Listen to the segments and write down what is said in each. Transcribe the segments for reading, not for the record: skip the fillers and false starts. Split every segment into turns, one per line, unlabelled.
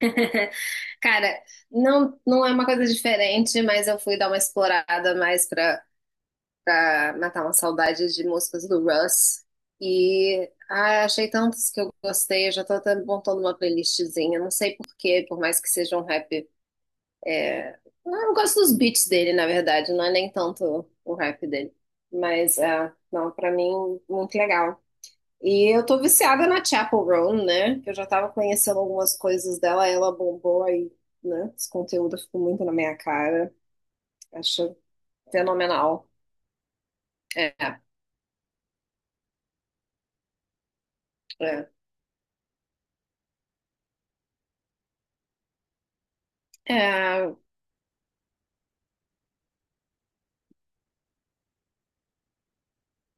Cara, não é uma coisa diferente, mas eu fui dar uma explorada mais pra matar uma saudade de músicas do Russ. E achei tantos que eu gostei, eu já tô até montando uma playlistzinha. Não sei por quê, por mais que seja um rap. É... Eu gosto dos beats dele, na verdade, não é nem tanto o rap dele. Mas, ah, não, pra mim, muito legal. E eu tô viciada na Chapel Roan, né? Que eu já tava conhecendo algumas coisas dela, ela bombou aí, né? Esse conteúdo ficou muito na minha cara. Acho fenomenal. É, é. É,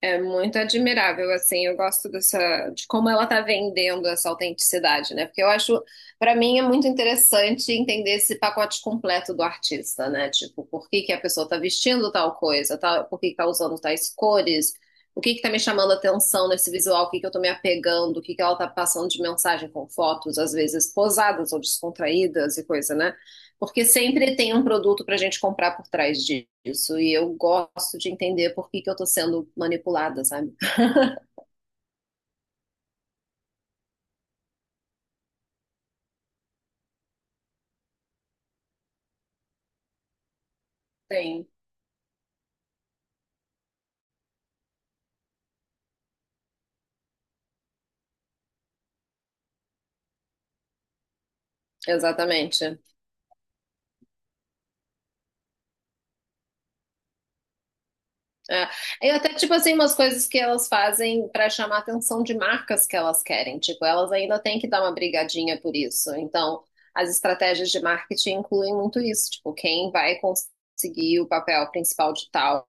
É muito admirável, assim, eu gosto dessa, de como ela tá vendendo essa autenticidade, né? Porque eu acho, pra mim, é muito interessante entender esse pacote completo do artista, né? Tipo, por que que a pessoa tá vestindo tal coisa, tal, por que que tá usando tais cores, o que que tá me chamando a atenção nesse visual, o que que eu tô me apegando, o que que ela tá passando de mensagem com fotos, às vezes posadas ou descontraídas e coisa, né? Porque sempre tem um produto para a gente comprar por trás disso. E eu gosto de entender por que que eu estou sendo manipulada, sabe? Tem. Exatamente. É. E até, tipo assim, umas coisas que elas fazem para chamar a atenção de marcas que elas querem. Tipo, elas ainda têm que dar uma brigadinha por isso. Então, as estratégias de marketing incluem muito isso. Tipo, quem vai conseguir o papel principal de tal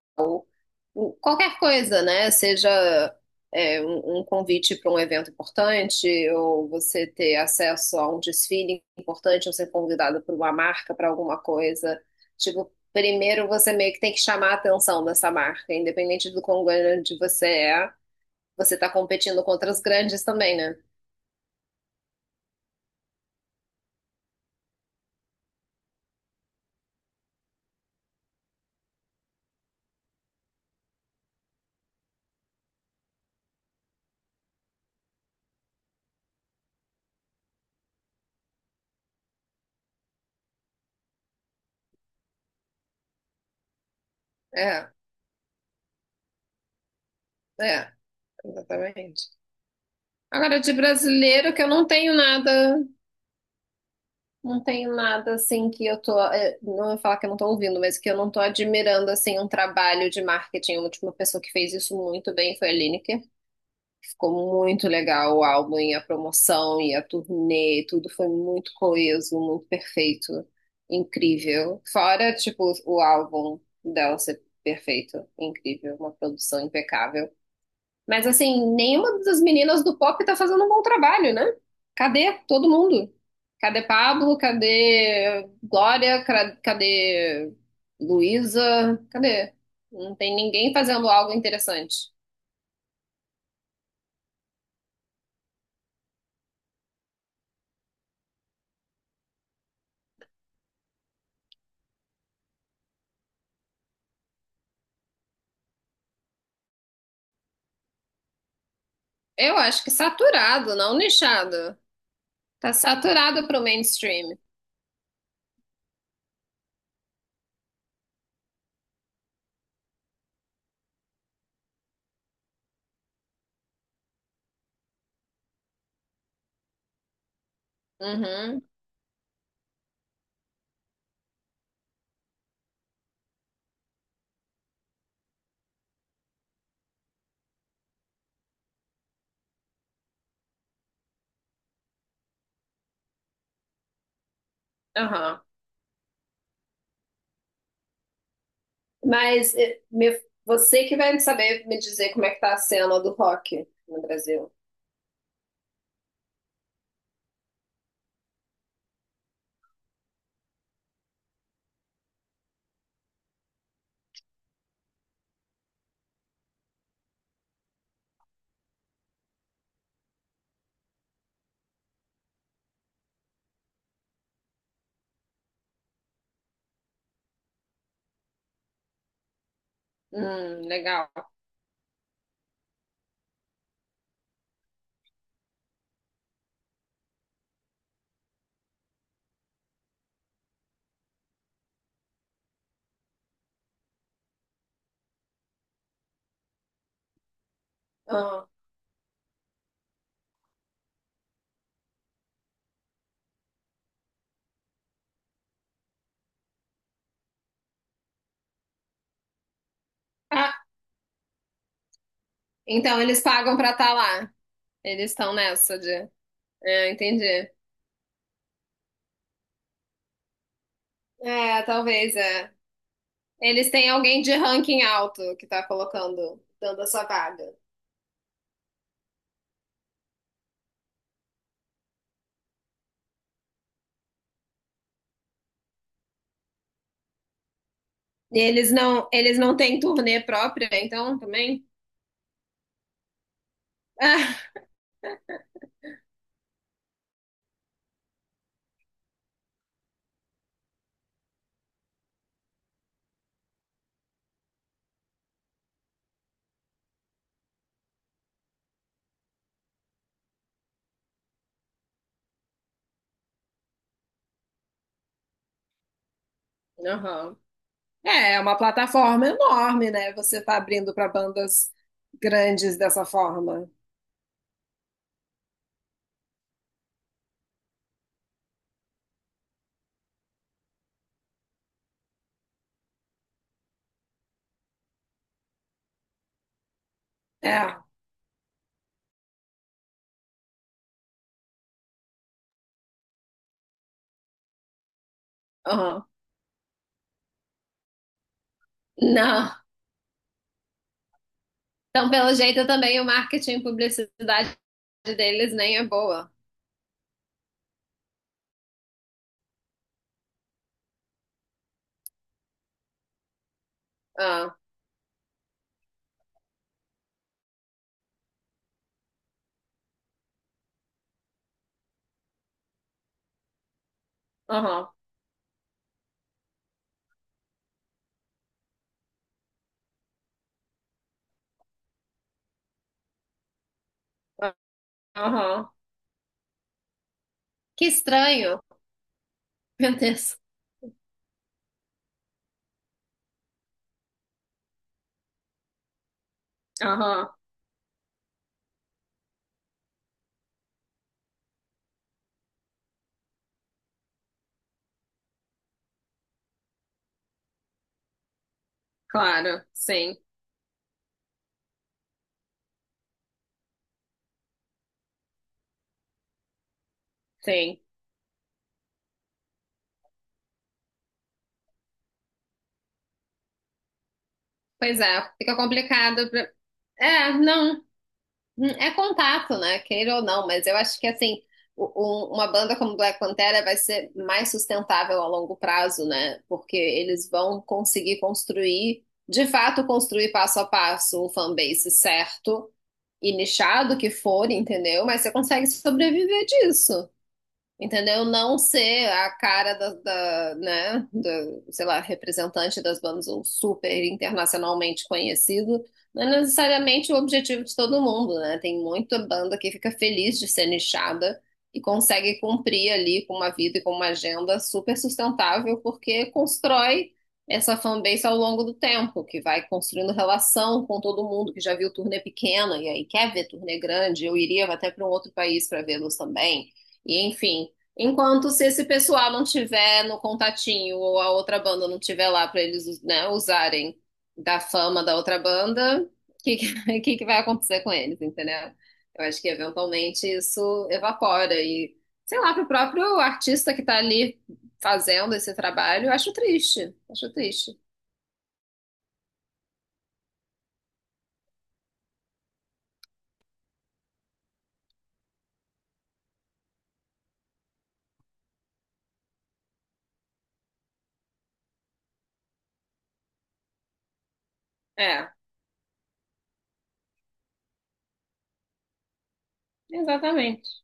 qualquer coisa, né? Seja é, um convite para um evento importante, ou você ter acesso a um desfile importante, ou ser convidado por uma marca para alguma coisa. Tipo, primeiro você meio que tem que chamar a atenção dessa marca, independente do quão grande você é, você está competindo contra os grandes também, né? É, é, exatamente. Agora, de brasileiro, que eu não tenho nada. Não tenho nada assim que eu tô. Não vou falar que eu não tô ouvindo, mas que eu não tô admirando assim um trabalho de marketing. A última pessoa que fez isso muito bem foi a Lineker. Ficou muito legal o álbum e a promoção e a turnê, tudo foi muito coeso, muito perfeito, incrível. Fora, tipo, o álbum dela ser perfeito, incrível, uma produção impecável. Mas assim, nenhuma das meninas do pop tá fazendo um bom trabalho, né? Cadê todo mundo? Cadê Pablo? Cadê Glória? Cadê Luísa? Cadê? Não tem ninguém fazendo algo interessante. Eu acho que saturado, não nichado. Tá saturado pro mainstream. Uhum, aham. Mas você que vai saber me dizer como é que tá a cena do rock no Brasil. Legal. Ah. Então, eles pagam pra estar lá. Eles estão nessa de. É, entendi. É, talvez, é. Eles têm alguém de ranking alto que tá colocando, dando a sua vaga. E eles não têm turnê própria, então, também? Ah, aham. É, é uma plataforma enorme, né? Você tá abrindo pra bandas grandes dessa forma. É, aham. Não. Então, pelo jeito, também o marketing e publicidade deles nem é boa. Ah, aham. Aham. Que estranho. Meu Deus. Aham, claro, sim, sim. Pois é, fica complicado pra... É, não, é contato, né? Queira ou não, mas eu acho que assim, o- uma banda como Black Pantera vai ser mais sustentável a longo prazo, né? Porque eles vão conseguir construir, de fato, construir passo a passo o fanbase certo e nichado que for, entendeu? Mas você consegue sobreviver disso. Entendeu? Não ser a cara da, né, do, sei lá, representante das bandas ou super internacionalmente conhecido, não é necessariamente o objetivo de todo mundo, né? Tem muita banda que fica feliz de ser nichada e consegue cumprir ali com uma vida e com uma agenda super sustentável, porque constrói essa fanbase ao longo do tempo, que vai construindo relação com todo mundo que já viu turnê pequena e aí quer ver turnê grande. Eu iria até para um outro país para vê-los também. E enfim. Enquanto se esse pessoal não tiver no contatinho ou a outra banda não tiver lá para eles, né, usarem da fama da outra banda, que vai acontecer com eles, entendeu? Eu acho que eventualmente isso evapora e, sei lá, para o próprio artista que está ali fazendo esse trabalho, eu acho triste, acho triste. É, exatamente.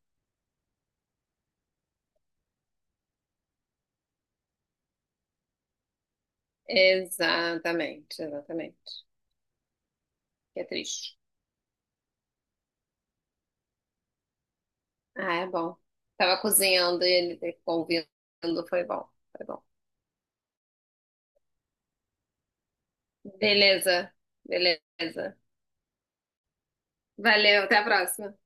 Exatamente, exatamente. Que é triste. Ah, é bom. Tava cozinhando e ele ouvindo, foi bom, foi bom. Beleza, beleza. Valeu, até a próxima.